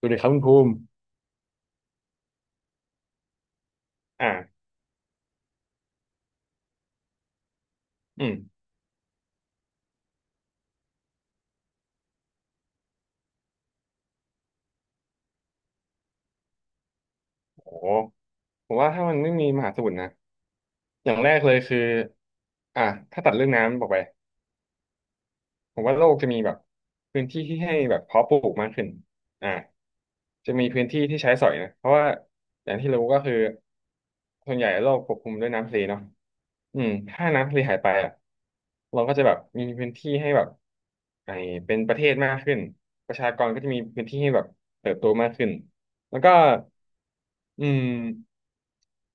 ดูดีครับคุณภูมิอ่าอืมโหผมว่าถ้ามันไม่มีมหาสมุทรนะอย่างแรกเลยคืออ่าถ้าตัดเรื่องน้ำบอกไปผมว่าโลกจะมีแบบพื้นที่ที่ให้แบบเพาะปลูกมากขึ้นอ่าจะมีพื้นที่ที่ใช้สอยนะเพราะว่าอย่างที่รู้ก็คือส่วนใหญ่โลกปกคลุมด้วยน้ำทะเลเนาะถ้าน้ำทะเลหายไปอ่ะเราก็จะแบบมีพื้นที่ให้แบบไอเป็นประเทศมากขึ้นประชากรก็จะมีพื้นที่ให้แบบเติบโตมากขึ้นแล้วก็อืม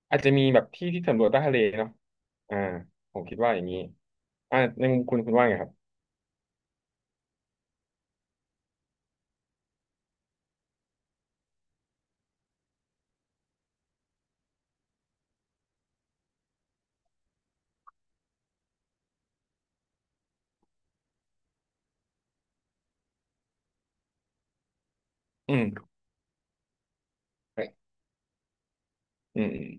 อาจจะมีแบบที่ที่สำรวจใต้ทะเลเนาะอ่าผมคิดว่าอย่างนี้ในมุมคุณว่าไงครับอืมอืมอืม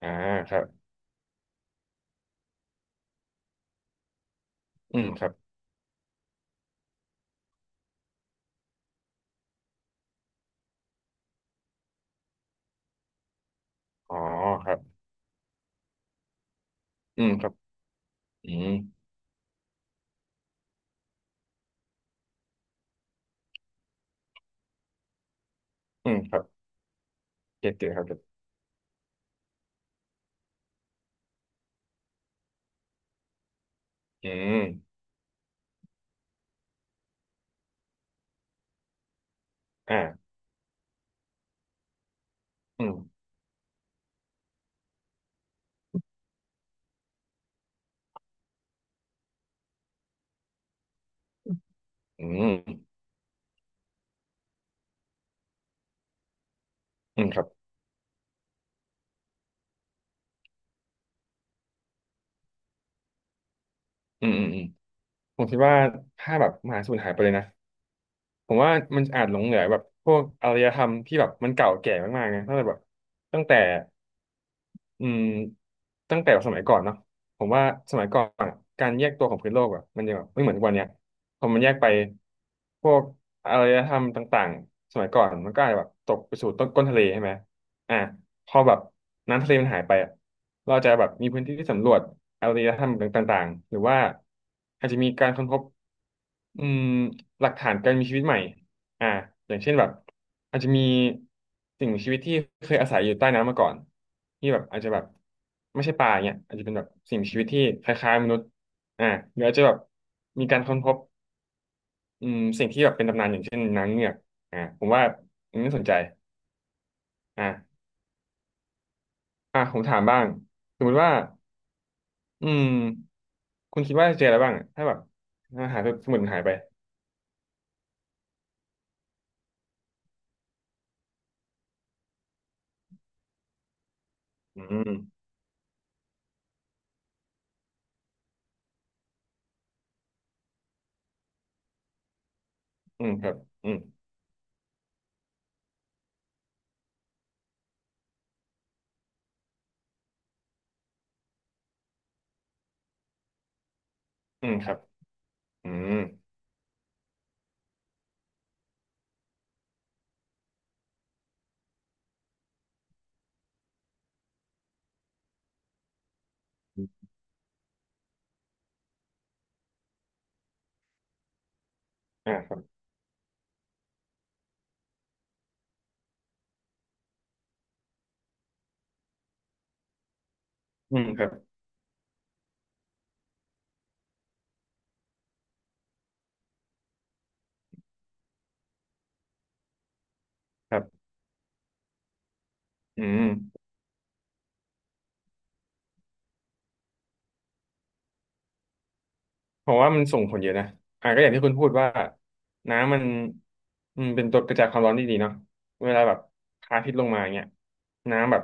อ่าครับอืมครับอ๋อครับอืมครับอืมอืมครับเก็ตเก็ตครับเก็ตอืมอ่าอืมอืมอืมครับอืมอืมอืมผมคิดว่าถ้าแบบมหาสูญหายไปเลยนะ ผมว่ามันอาจหลงเหลือแบบพวกอารยธรรมที่แบบมันเก่าแก่มากๆนะตั้งแต่แบบตั้งแต่ อืมตั้งแต่สมัยก่อนเนาะผมว่าสมัยก่อนอะการแยกตัวของพื้นโลกอ่ะมันยังแบบไม่เหมือนทุกวันเนี้ยพอมันแยกไปพวกอารยธรรมต่างๆสมัยก่อนมันก็อาจจะแบบตกไปสู่ต้นก้นทะเลใช่ไหมอ่ะพอแบบน้ำทะเลมันหายไปอ่ะเราจจะแบบมีพื้นที่ที่สำรวจอารยธรรมต่างๆหรือว่าอาจจะมีการค้นพบอืมหลักฐานการมีชีวิตใหม่ อ่าอย่างเช่นแบบอาจจะมีสิ่งมีชีวิตที่เคยอาศัยอยู่ใต้น้ำมาก่อนที่แบบอาจจะแบบไม่ใช่ปลาเนี่ยอาจจะเป็นแบบสิ่งมีชีวิตที่คล้ายๆมนุษย์อ่าหรืออาจจะแบบมีการค้นพบสิ่งที่แบบเป็นตำนานอย่างเช่นนางเงือกผมว่าอันนี้น่าสนใจอ่าผมถามบ้างสมมติว่าอืมคุณคิดว่าจะเจออะไรบ้างอะถ้าแบบอาหายไปสมุดมันหายไปอืมอืมครับอืมอืมครับอืมครับอืมครับครับอืม ผมว่ามันส่งผลเยอะนะอ่ะก็อย่างที่คุณพูดว่าน้ำมันเป็นตัวกระจายความร้อนที่ดีเนาะเวลาแบบพระอาทิตย์ลงมาเงี้ยน้ำแบบ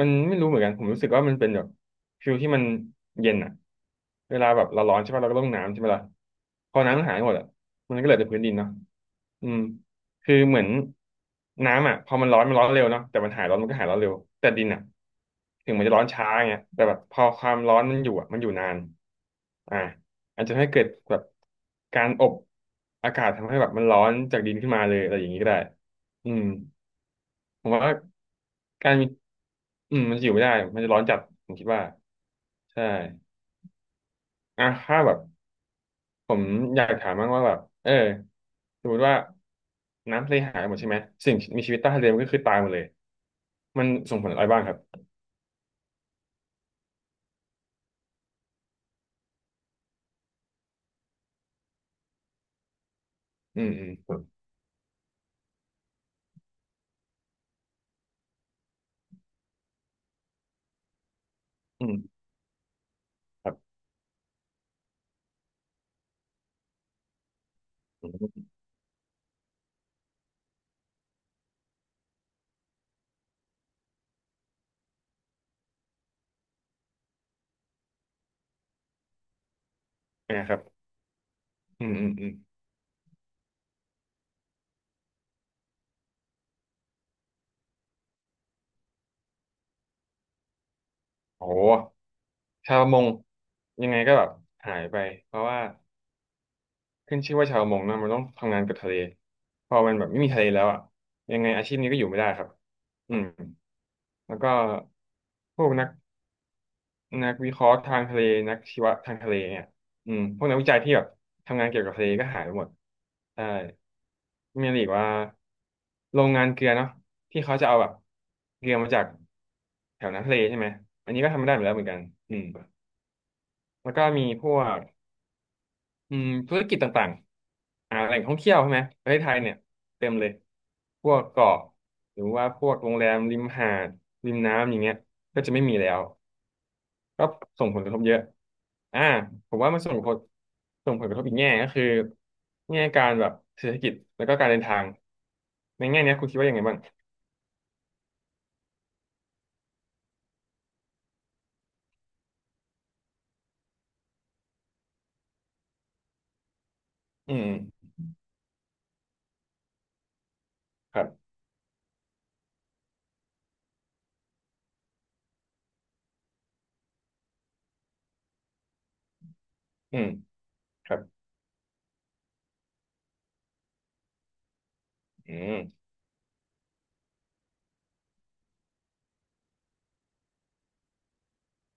มันไม่รู้เหมือนกันผมรู้สึกว่ามันเป็นแบบฟิลที่มันเย็นอ่ะเวลาแบบเราร้อนใช่ป่ะเราก็ต้องน้ำใช่ไหมล่ะพอน้ำมันหายหมดอ่ะมันก็เหลือแต่พื้นดินเนาะอืม คือเหมือนน้ำอ่ะพอมันร้อนมันร้อนเร็วเนาะแต่มันหายร้อนมันก็หายร้อนเร็วแต่ดินอ่ะถึงมันจะร้อนช้าเงี้ยแต่แบบพอความร้อนมันอยู่อ่ะมันอยู่นานอ่าอาจจะให้เกิดแบบการอบอากาศทำให้แบบมันร้อนจากดินขึ้นมาเลยอะไรอย่างนี้ก็ได้อืมผมว่าการมีอืมมันจะอยู่ไม่ได้มันจะร้อนจัดผมคิดว่าใช่อ่ะถ้าแบบ ผมอยากถามบ้างว่าแบบสมมติว่าน้ำทะเลหายหมดใช่ไหมสิ่งมีชีวิตใต้ทะเลมันก็คือตายหมดเลยมันส่งผลอะไรบ้างครับอืมอืมอืมครับอืมนะครับอืมอืมอืมโอ้โหชาวประมงยังไงก็แบบหายไปเพราะว่าขึ้นชื่อว่าชาวประมงนะมันต้องทำงานกับทะเลพอมันแบบไม่มีทะเลแล้วอ่ะยังไงอาชีพนี้ก็อยู่ไม่ได้ครับอืมแล้วก็พวกนัก นักวิเคราะห์ทางทะเลนักชีวะทางทะเลเนี่ยพวกนักวิจัยที่แบบทำงานเกี่ยวกับทะเลก็หายไปหมดใช่มีอะไรอีกว่าโรงงานเกลือเนาะที่เขาจะเอาแบบเกลือมาจากแถวน้ำทะเลใช่ไหมอันนี้ก็ทำไม่ได้เหมือนแล้วเหมือนกันอืมแล้วก็มีพวกธุรกิจต่างๆแหล่งท่องเที่ยวใช่ไหมประเทศไทยเนี่ยเต็มเลยพวกเกาะหรือว่าพวกโรงแรมริมหาดริมน้ำอย่างเงี้ยก็จะไม่มีแล้ว ก็ส่งผลกระทบเยอะอ่าผมว่ามันส่งผลส่งผลกระทบอีกแง่ก็คือแง่การแบบเศรษฐกิจแล้วก็การเดินทางในแง่เนี้ยคุณคิดว่ายังไงบ้างอืมครับอืมครับอืม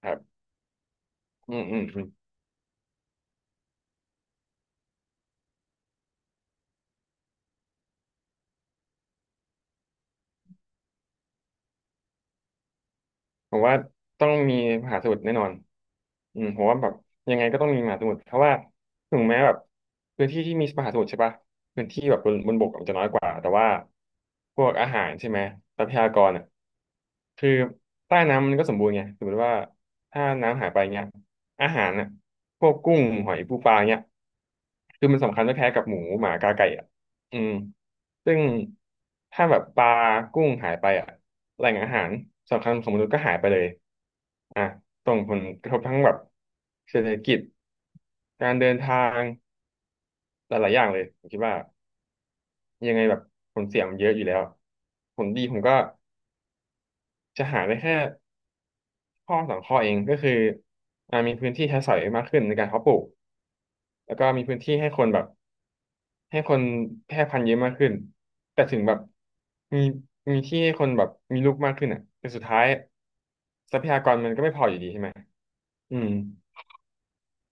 ครับอืมอืมอืมผมว่าต้องมีมหาสมุทรแน่นอนผมว่าแบบยังไงก็ต้องมีมหาสมุทรเพราะว่าถึงแม้แบบพื้นที่ที่มีมหาสมุทรใช่ปะ มันบกมันจะน้อยกว่าแต่ว่าพวกอาหารใช่ไหมทรัพยากรอ่ะคือใต้น้ำมันก็สมบูรณ์ไงสมมติว่าถ้าน้ำหายไปเงี้ยอาหารอ่ะพวกกุ้งหอยปูปลาเงี้ยคือมันสำคัญไม่แพ้กับหมูหมากาไก่อ่ะอืมซึ่งถ้าแบบปลากุ้งหายไปอ่ะแหล่งอาหารสำคัญของมนุษย์ก็หายไปเลยอ่ะส่งผลกระทบทั้งแบบเศรษฐกิจการเดินทางหลายๆอย่างเลยผมคิดว่า ยังไงแบบผลเสียมันเยอะอยู่แล้วผลดีผมก็จะหาได้แค่ข้อสองข้อเองก็คืออ่ามีพื้นที่ใช้สอยมากขึ้นในการเพาะปลูกแล้วก็มีพื้นที่ให้คนแบบให้คนแพร่พันธุ์เยอะมากขึ้นแต่ถึงแบบมีมีที่ให้คนแบบมีลูกมากขึ้นอ่ะแต่สุดท้ายทรัพยากรมันก็ไม่พออยู่ดีใช่ไหมอืม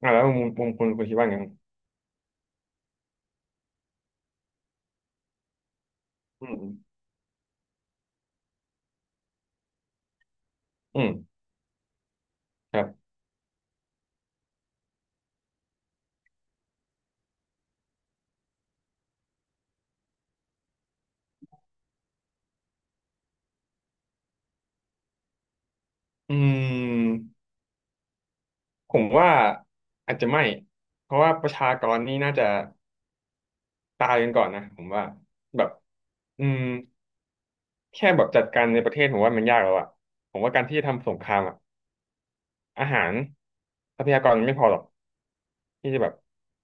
อ่าแล้วมุมคุณคิดว่าไงครับอืมอืมอืมครับอืม ผมว่าอาจจะไม่ เพราะว่าประชากรนี่น่าจะตายกันก่อนนะผมว่าแบบอืมแค่แบบจัดการในประเทศผมว่ามันยากแล้วอะผมว่าการที่จะทำสงครามอะอาหารทรัพยากรมันไม่พอหรอกที่จะแบบ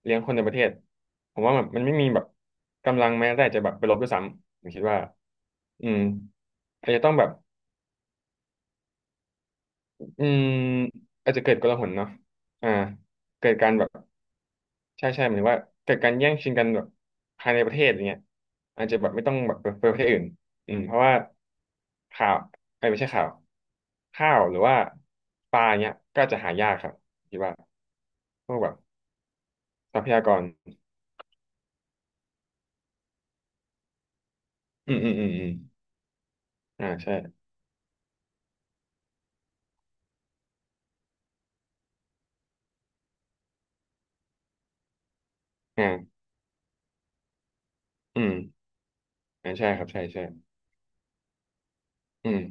เลี้ยงคนในประเทศผมว่าแบบมันไม่มีแบบกำลังแม้แต่จะแบบไปรบด้วยซ้ำผมคิดว่าอืมอาจจะต้องแบบอืมอาจจะเกิดกลหนเนาะอ่าเกิดการแบบ ใช่ใช่หมายถึงว่าเกิดการแย่งชิงกันแบบภายในประเทศอย่างเงี้ยอาจจะแบบไม่ต้องแบบไปประเทศอื่นอืมเพราะว่าข่าวเอ้ยไม่ใช่ข่าวข้าวหรือว่าปลาเนี้ยก็จะหายากครับคิดว่าพวกแบบทรัพยากรอืมอืมอืมอืมอ่าใช่อ่าอืมอ่าใช่ครับใช่ใช่อืม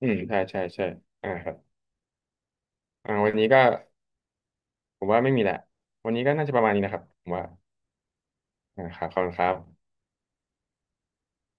อืมใช่ใช่ใช่อ่าครับอ่าวันนี้ก็ผมว่าไม่มีแหละวันนี้ก็น่าจะประมาณนี้นะครับผมว่าอ่าครับขอบคุณครับ